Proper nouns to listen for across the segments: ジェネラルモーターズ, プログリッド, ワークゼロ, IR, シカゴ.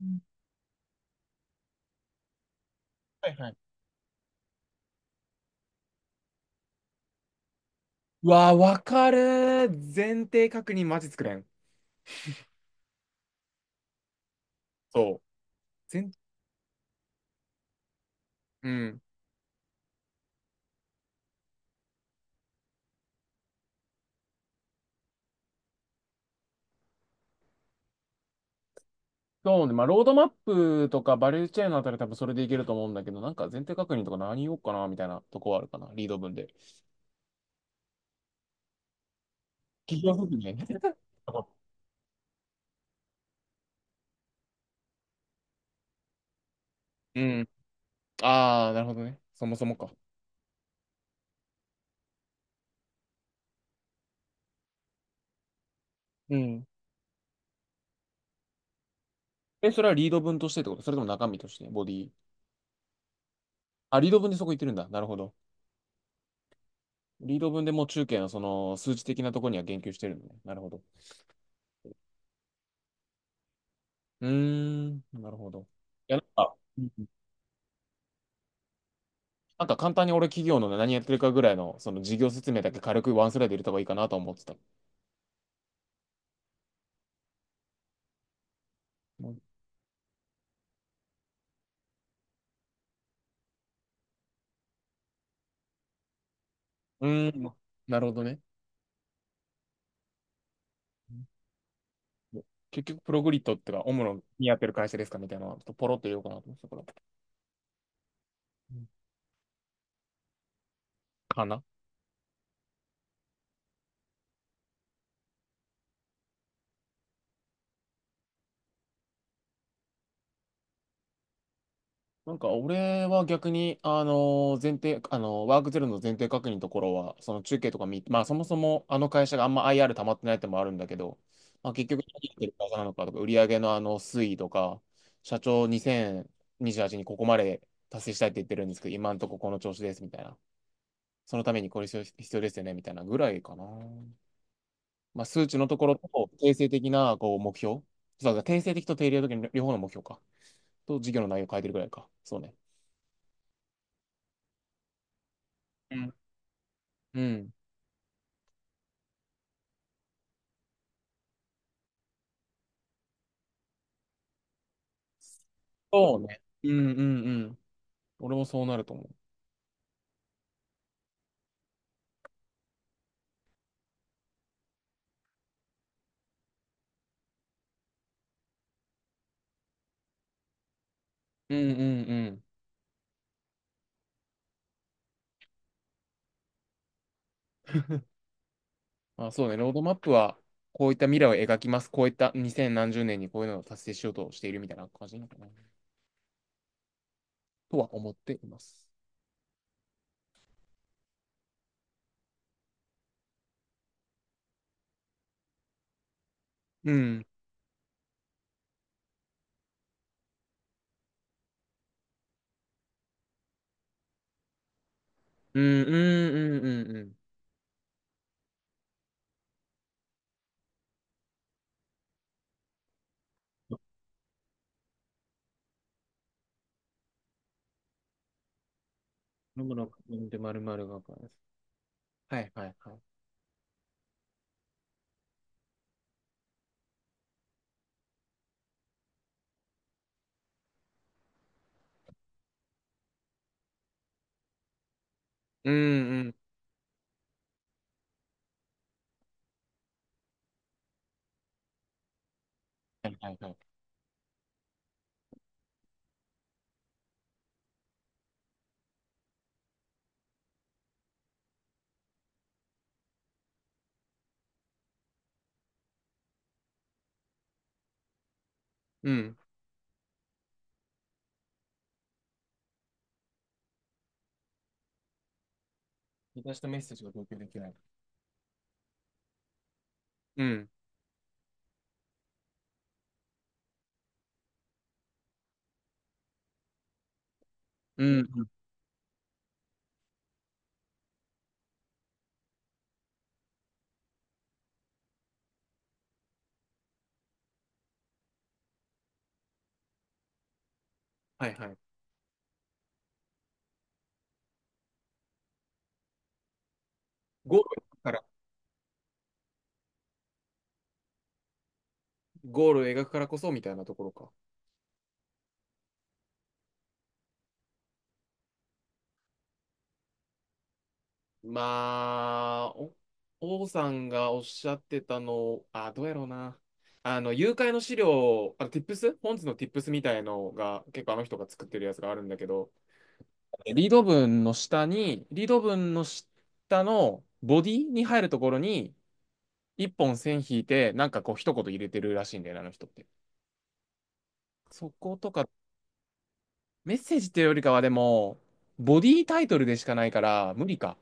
うん。はいはい。うわー、わかるー。前提確認マジ作れん。そう。前、うん。そうね。まあ、ロードマップとかバリューチェーンのあたり多分それでいけると思うんだけど、なんか前提確認とか何言おうかなみたいなとこはあるかな。リード文で。企業説明ね。うん。ああ、なるほどね。そもそもか。うん。え、それはリード文としてってこと、それとも中身としてボディ。あ、リード文でそこ言ってるんだ。なるほど。リード文でもう中堅のその数値的なところには言及してるのね。なるほど。うーん。なるほど。いや、なんか、うん、なんか簡単に俺、企業のね、何やってるかぐらいの、その事業説明だけ軽くワンスライド入れた方がいいかなとは思ってた。うーん、なるほどね。結局、プログリッドってか、主にやってる会社ですかみたいなのをちょっとポロッと言おうかなと思ってたから。かな。なんか俺は逆に、前提、ワークゼロの前提確認のところは、その中継とか見、まあそもそもあの会社があんま IR 溜まってないってのもあるんだけど、まあ結局何やってる会社なのかとか、売上のあの推移とか、社長2028にじゅうはちにここまで達成したいって言ってるんですけど、今んとここの調子ですみたいな。そのためにこれ必要ですよねみたいなぐらいかな。まあ数値のところと、定性的なこう目標。そうだ、定性的と定量的の両方の目標か。と、事業の内容を変えてるぐらいか。そうね。うんうん。そうね。うんうんうん。俺もそうなると思う。うんうんうん。まあそうね、ロードマップは、こういった未来を描きます。こういった2 0何十年にこういうのを達成しようとしているみたいな感じなのかな。とは思っています。うん。うんうんうんうんうん。ロムロ君で丸々がかです。はいはいはい。うんうん。はいはいはい。うん。私とメッセージが同居できない。うん。うんうん。はいはい。ゴールを描くから、ゴールを描くからこそみたいなところか。まあ、お、王さんがおっしゃってたの、あ、どうやろうな。あの、誘拐の資料、あの、ティップス、本日のティップスみたいのが、結構あの人が作ってるやつがあるんだけど、リード文の下に、リード文の下のボディに入るところに、一本線引いて、なんかこう一言入れてるらしいんだよね、あの人って。そことか、メッセージっていうよりかはでも、ボディタイトルでしかないから、無理か。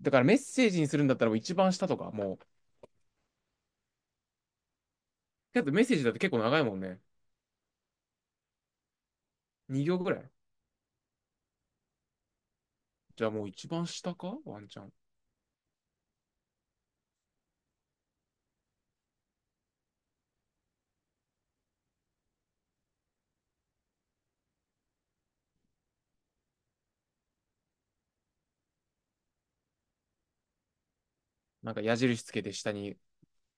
だからメッセージにするんだったらもう一番下とか、もう、けどメッセージだって結構長いもんね。2行ぐらい。じゃあもう一番下かワンチャン。なんか矢印つけて下に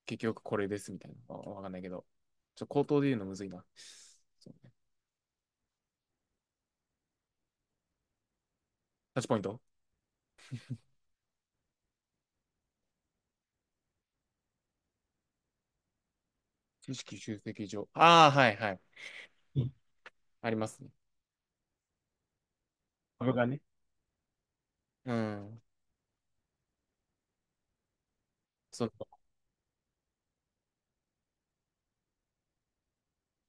結局これですみたいな。わ、わかんないけど。ちょっと口頭で言うのむずいな。そうね、タッチポイント、知識集積上。ああ、はいはい。うん、ありますね。これがね。うん。その、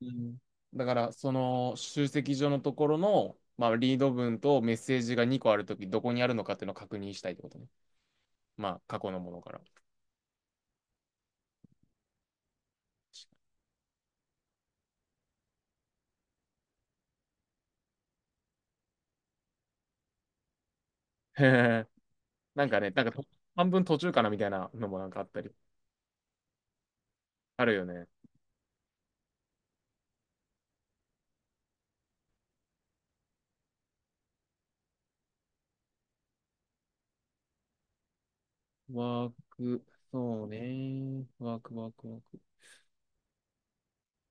うん、だから、その集積所のところの、まあ、リード文とメッセージが2個あるとき、どこにあるのかっていうのを確認したいってことね。まあ、過去のものから。へへ なんかね、なんか半分途中かなみたいなのもなんかあったり、あるよね。ワーク、そうね。ワーク。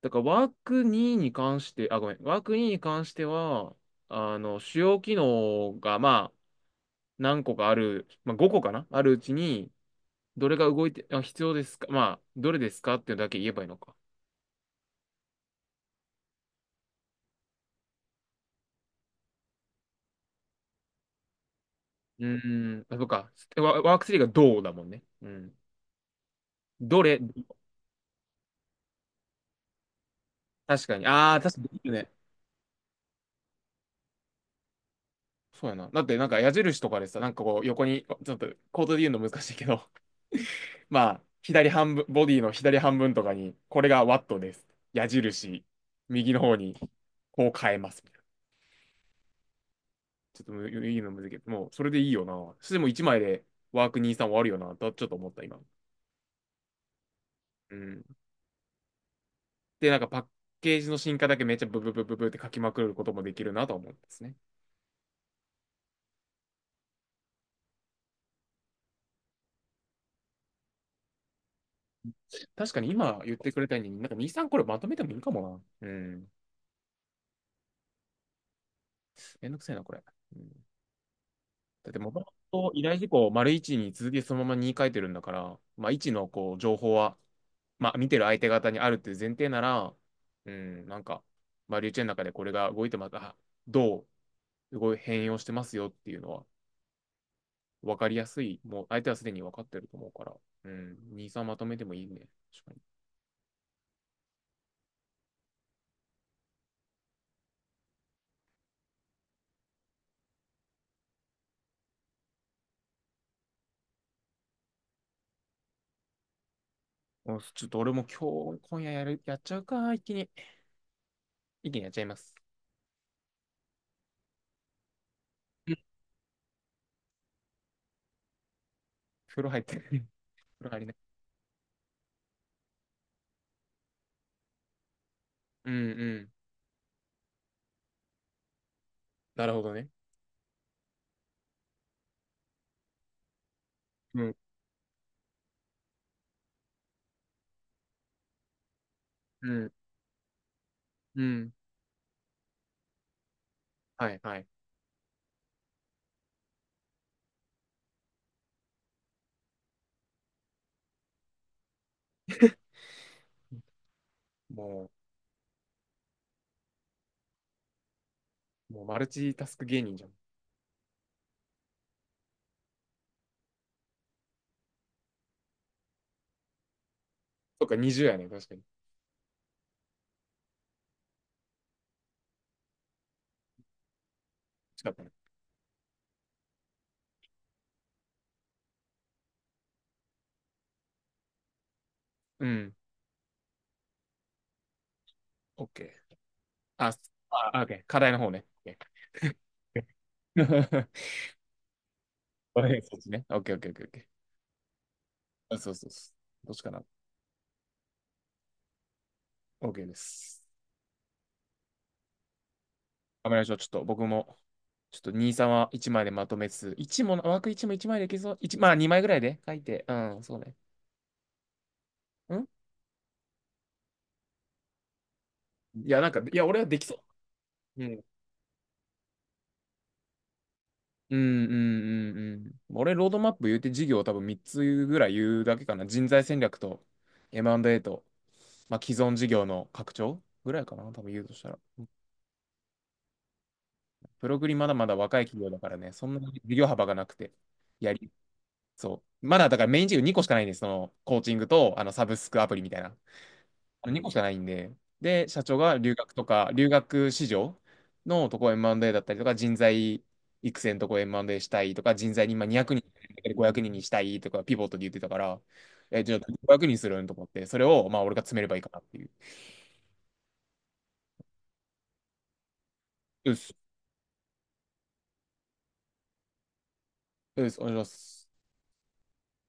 だからワーク2に関して、あ、ごめん。ワーク2に関しては、あの、主要機能が、まあ、何個かある、まあ、5個かなあるうちに、どれが動いて、あ、必要ですか、まあ、どれですかっていうだけ言えばいいのか。うん、あ、そうか。ワ、ワーク3がどうだもんね。うん。どれ、確かに。ああ、確かに。そうやな。だってなんか矢印とかでさ、なんかこう横に、ちょっとコードで言うの難しいけど、まあ、左半分、ボディの左半分とかに、これがワットです。矢印、右の方に、こう変えます、みたいな。ちょっとむ、言うの難しいけど、もうそれでいいよな。そしてもう1枚でワークにじゅうさん終わるよな、とちょっと思った、今。うん。で、なんかパッケージの進化だけめっちゃブブブブブって書きまくることもできるなと思うんですね。確かに今言ってくれたように、なんかにさんこれまとめてもいいかもな。うん。めんどくせえな、これ。うん。だってもともと依頼事項を丸1に続きそのままに書いてるんだから、まあ1のこう情報は、まあ見てる相手方にあるっていう前提なら、うん、なんか、丸1の中でこれが動いてまた、どう動い変容してますよっていうのは分かりやすい。もう相手はすでに分かってると思うから、うん、2、3まとめてもいいね。確かに。お、ちょっと俺も今日、今夜やる、やっちゃうか、一気に。一気にやっちゃいます。うん、風呂入って。風呂入りな。うんうん。なるほどね。うんうんうん。はいはい。もう、もうマルチタスク芸人じゃん。そっか、20やね。確かに。近ったね。うん。OK。あ、す、あ、あ OK。課題の方ね。OK。OK そっちね。OK、OK、OK、OK。あそうそうそう。どっちかな。OK です。頑張りましょう。ちょっと僕も、ちょっとにさんは1枚でまとめつつ、1も、枠1も1枚でいけそう。1、まあ2枚ぐらいで書いて。うん、そうね。うん、いや、なんか、いや、俺はできそう。うん。うんうんうんうん。俺、ロードマップ言うて事業多分3つぐらい言うだけかな。人材戦略と M&A と、まあ、既存事業の拡張ぐらいかな。多分言うとしたら。プログリまだまだ若い企業だからね、そんなに事業幅がなくて、やり、そう。まだだからメイン事業2個しかないんです。その、コーチングと、あの、サブスクアプリみたいな。2個しかないんで、で、社長が留学とか、留学市場のとこ M&A だったりとか、人材育成のとこ M&A したいとか、人材に今200人いん500人にんにしたいとか、ピボットで言ってたから、え、じゃあ500人するんと思って、それをまあ俺が詰めればいいかなっていう。よし、よし、お願いします。